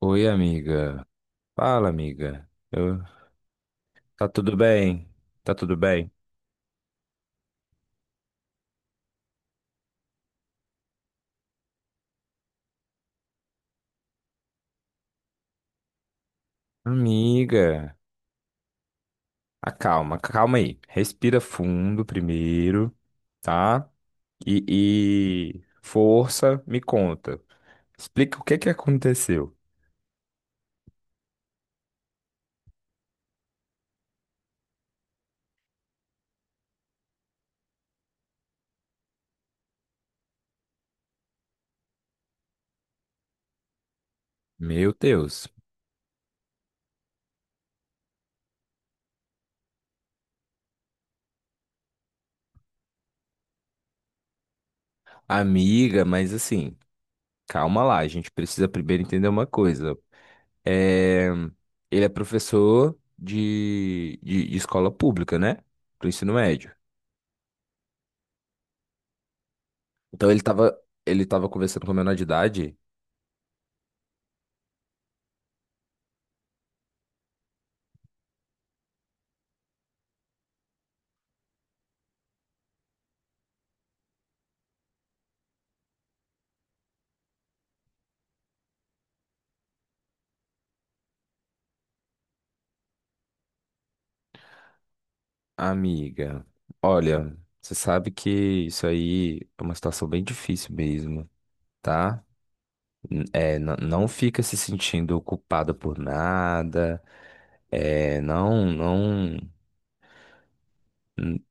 Oi, amiga. Fala, amiga. Tá tudo bem? Tá tudo bem? Amiga, acalma, calma aí. Respira fundo primeiro, tá? E força, me conta. Explica o que que aconteceu. Meu Deus. Amiga, mas assim, calma lá. A gente precisa primeiro entender uma coisa. É... Ele é professor de escola pública, né? Do ensino médio. Então ele tava conversando com a menor de idade. Amiga, olha, você sabe que isso aí é uma situação bem difícil mesmo, tá? Não fica se sentindo culpada por nada, é, não, não. n-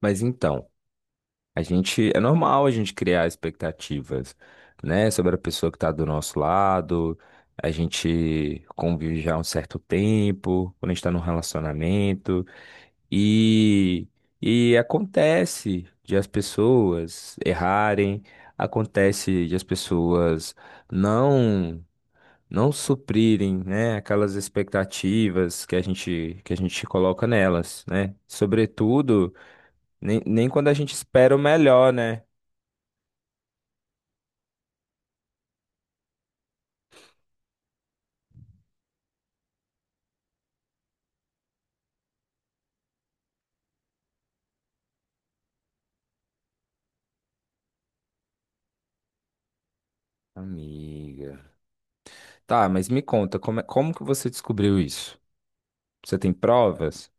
Mas então, a gente, é normal a gente criar expectativas, né, sobre a pessoa que tá do nosso lado, a gente convive já há um certo tempo, quando a gente tá num relacionamento. E, e acontece de as pessoas errarem, acontece de as pessoas não não suprirem, né, aquelas expectativas que a gente coloca nelas, né? Sobretudo, nem quando a gente espera o melhor, né? Amiga. Tá, mas me conta, como, como que você descobriu isso? Você tem provas?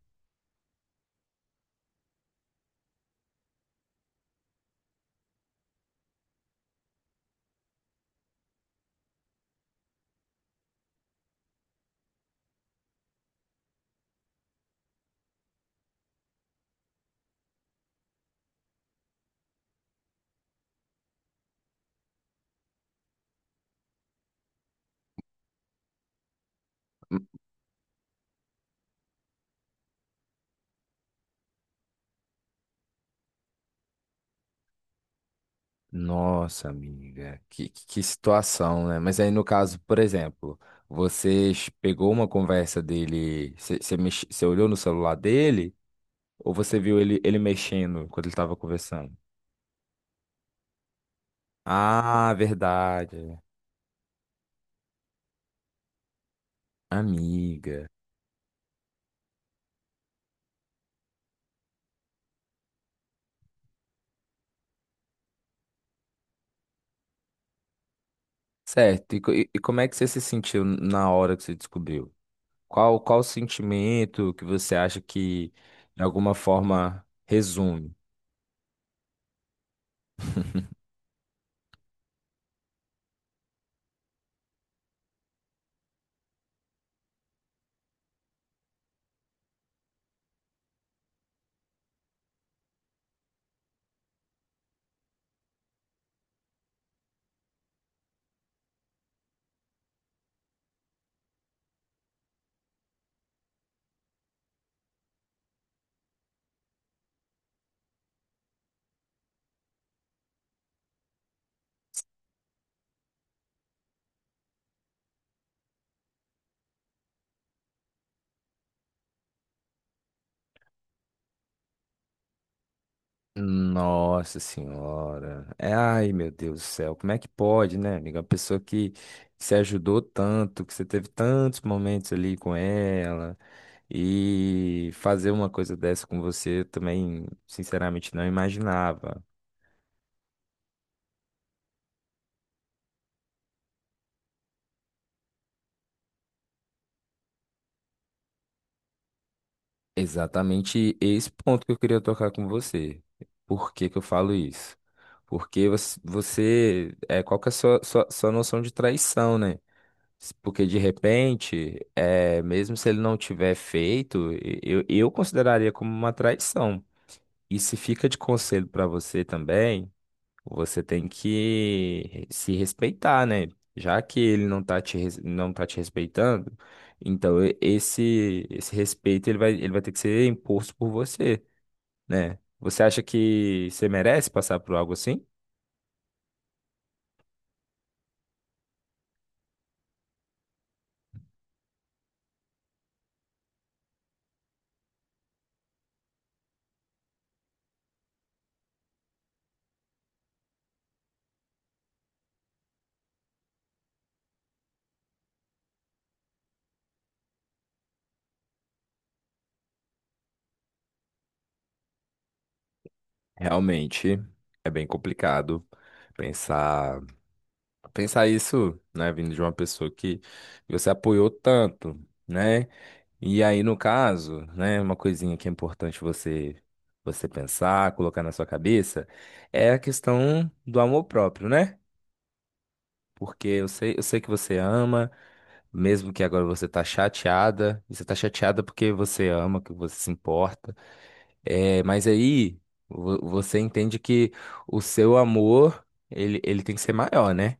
Nossa, amiga, que que situação, né? Mas aí, no caso, por exemplo, você pegou uma conversa dele, você olhou no celular dele ou você viu ele mexendo quando ele estava conversando? Ah, verdade, amiga. Certo, e como é que você se sentiu na hora que você descobriu? Qual o sentimento que você acha que, de alguma forma, resume? Nossa senhora. É, ai, meu Deus do céu. Como é que pode, né, amiga? Uma pessoa que se ajudou tanto, que você teve tantos momentos ali com ela, e fazer uma coisa dessa com você, eu também, sinceramente, não imaginava. Exatamente esse ponto que eu queria tocar com você. Por que que eu falo isso? Porque é, qual que é a sua noção de traição, né? Porque de repente, é, mesmo se ele não tiver feito, eu consideraria como uma traição. E se fica de conselho para você também, você tem que se respeitar, né? Já que ele não tá te, não tá te respeitando, então esse, esse respeito ele vai ter que ser imposto por você, né? Você acha que você merece passar por algo assim? Realmente é bem complicado pensar. Pensar isso, né, vindo de uma pessoa que você apoiou tanto, né? E aí, no caso, né, uma coisinha que é importante você pensar, colocar na sua cabeça, é a questão do amor próprio, né? Porque eu sei que você ama, mesmo que agora você tá chateada, e você tá chateada porque você ama, que você se importa. É, mas aí você entende que o seu amor, ele tem que ser maior, né?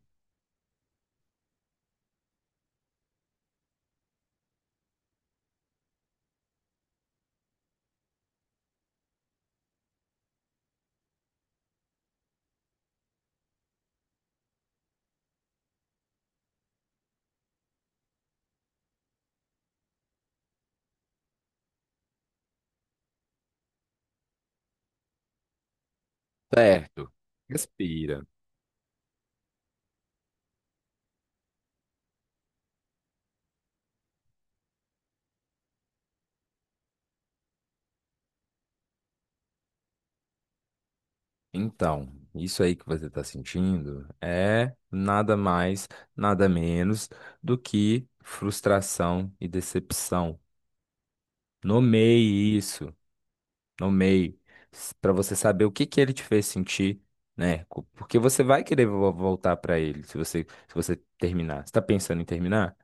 Certo. Respira. Então, isso aí que você está sentindo é nada mais, nada menos do que frustração e decepção. Nomeie isso, nomeie, para você saber o que que ele te fez sentir, né? Porque você vai querer voltar para ele se se você terminar. Você está pensando em terminar?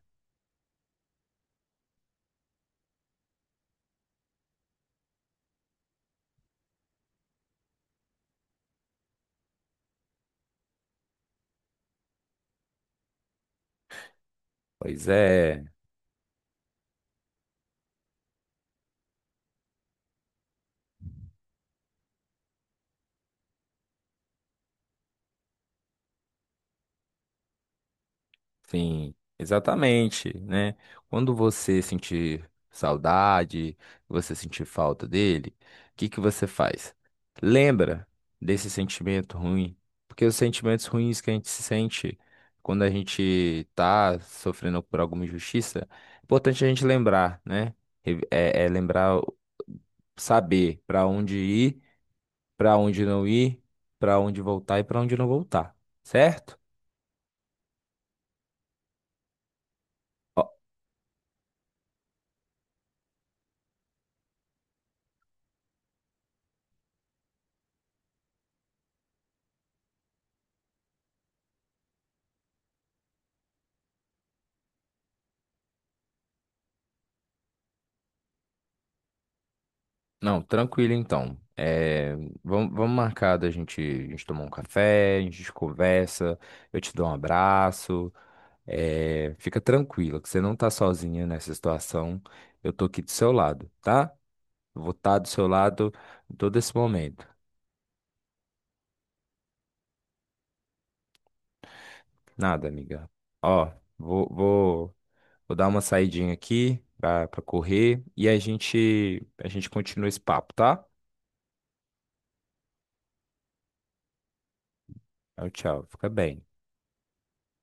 Pois é. Sim, exatamente, né? Quando você sentir saudade, você sentir falta dele, o que que você faz? Lembra desse sentimento ruim, porque os sentimentos ruins que a gente se sente quando a gente tá sofrendo por alguma injustiça, é importante a gente lembrar, né? É lembrar, saber para onde ir, para onde não ir, para onde voltar e para onde não voltar, certo? Não, tranquilo então. É, vamos marcar da gente, a gente tomar um café, a gente conversa, eu te dou um abraço. É, fica tranquila, que você não tá sozinha nessa situação. Eu tô aqui do seu lado, tá? Vou estar do seu lado em todo esse momento. Nada, amiga. Ó, vou, vou, vou dar uma saidinha aqui pra correr e a gente continua esse papo, tá? Tchau, tchau. Fica bem.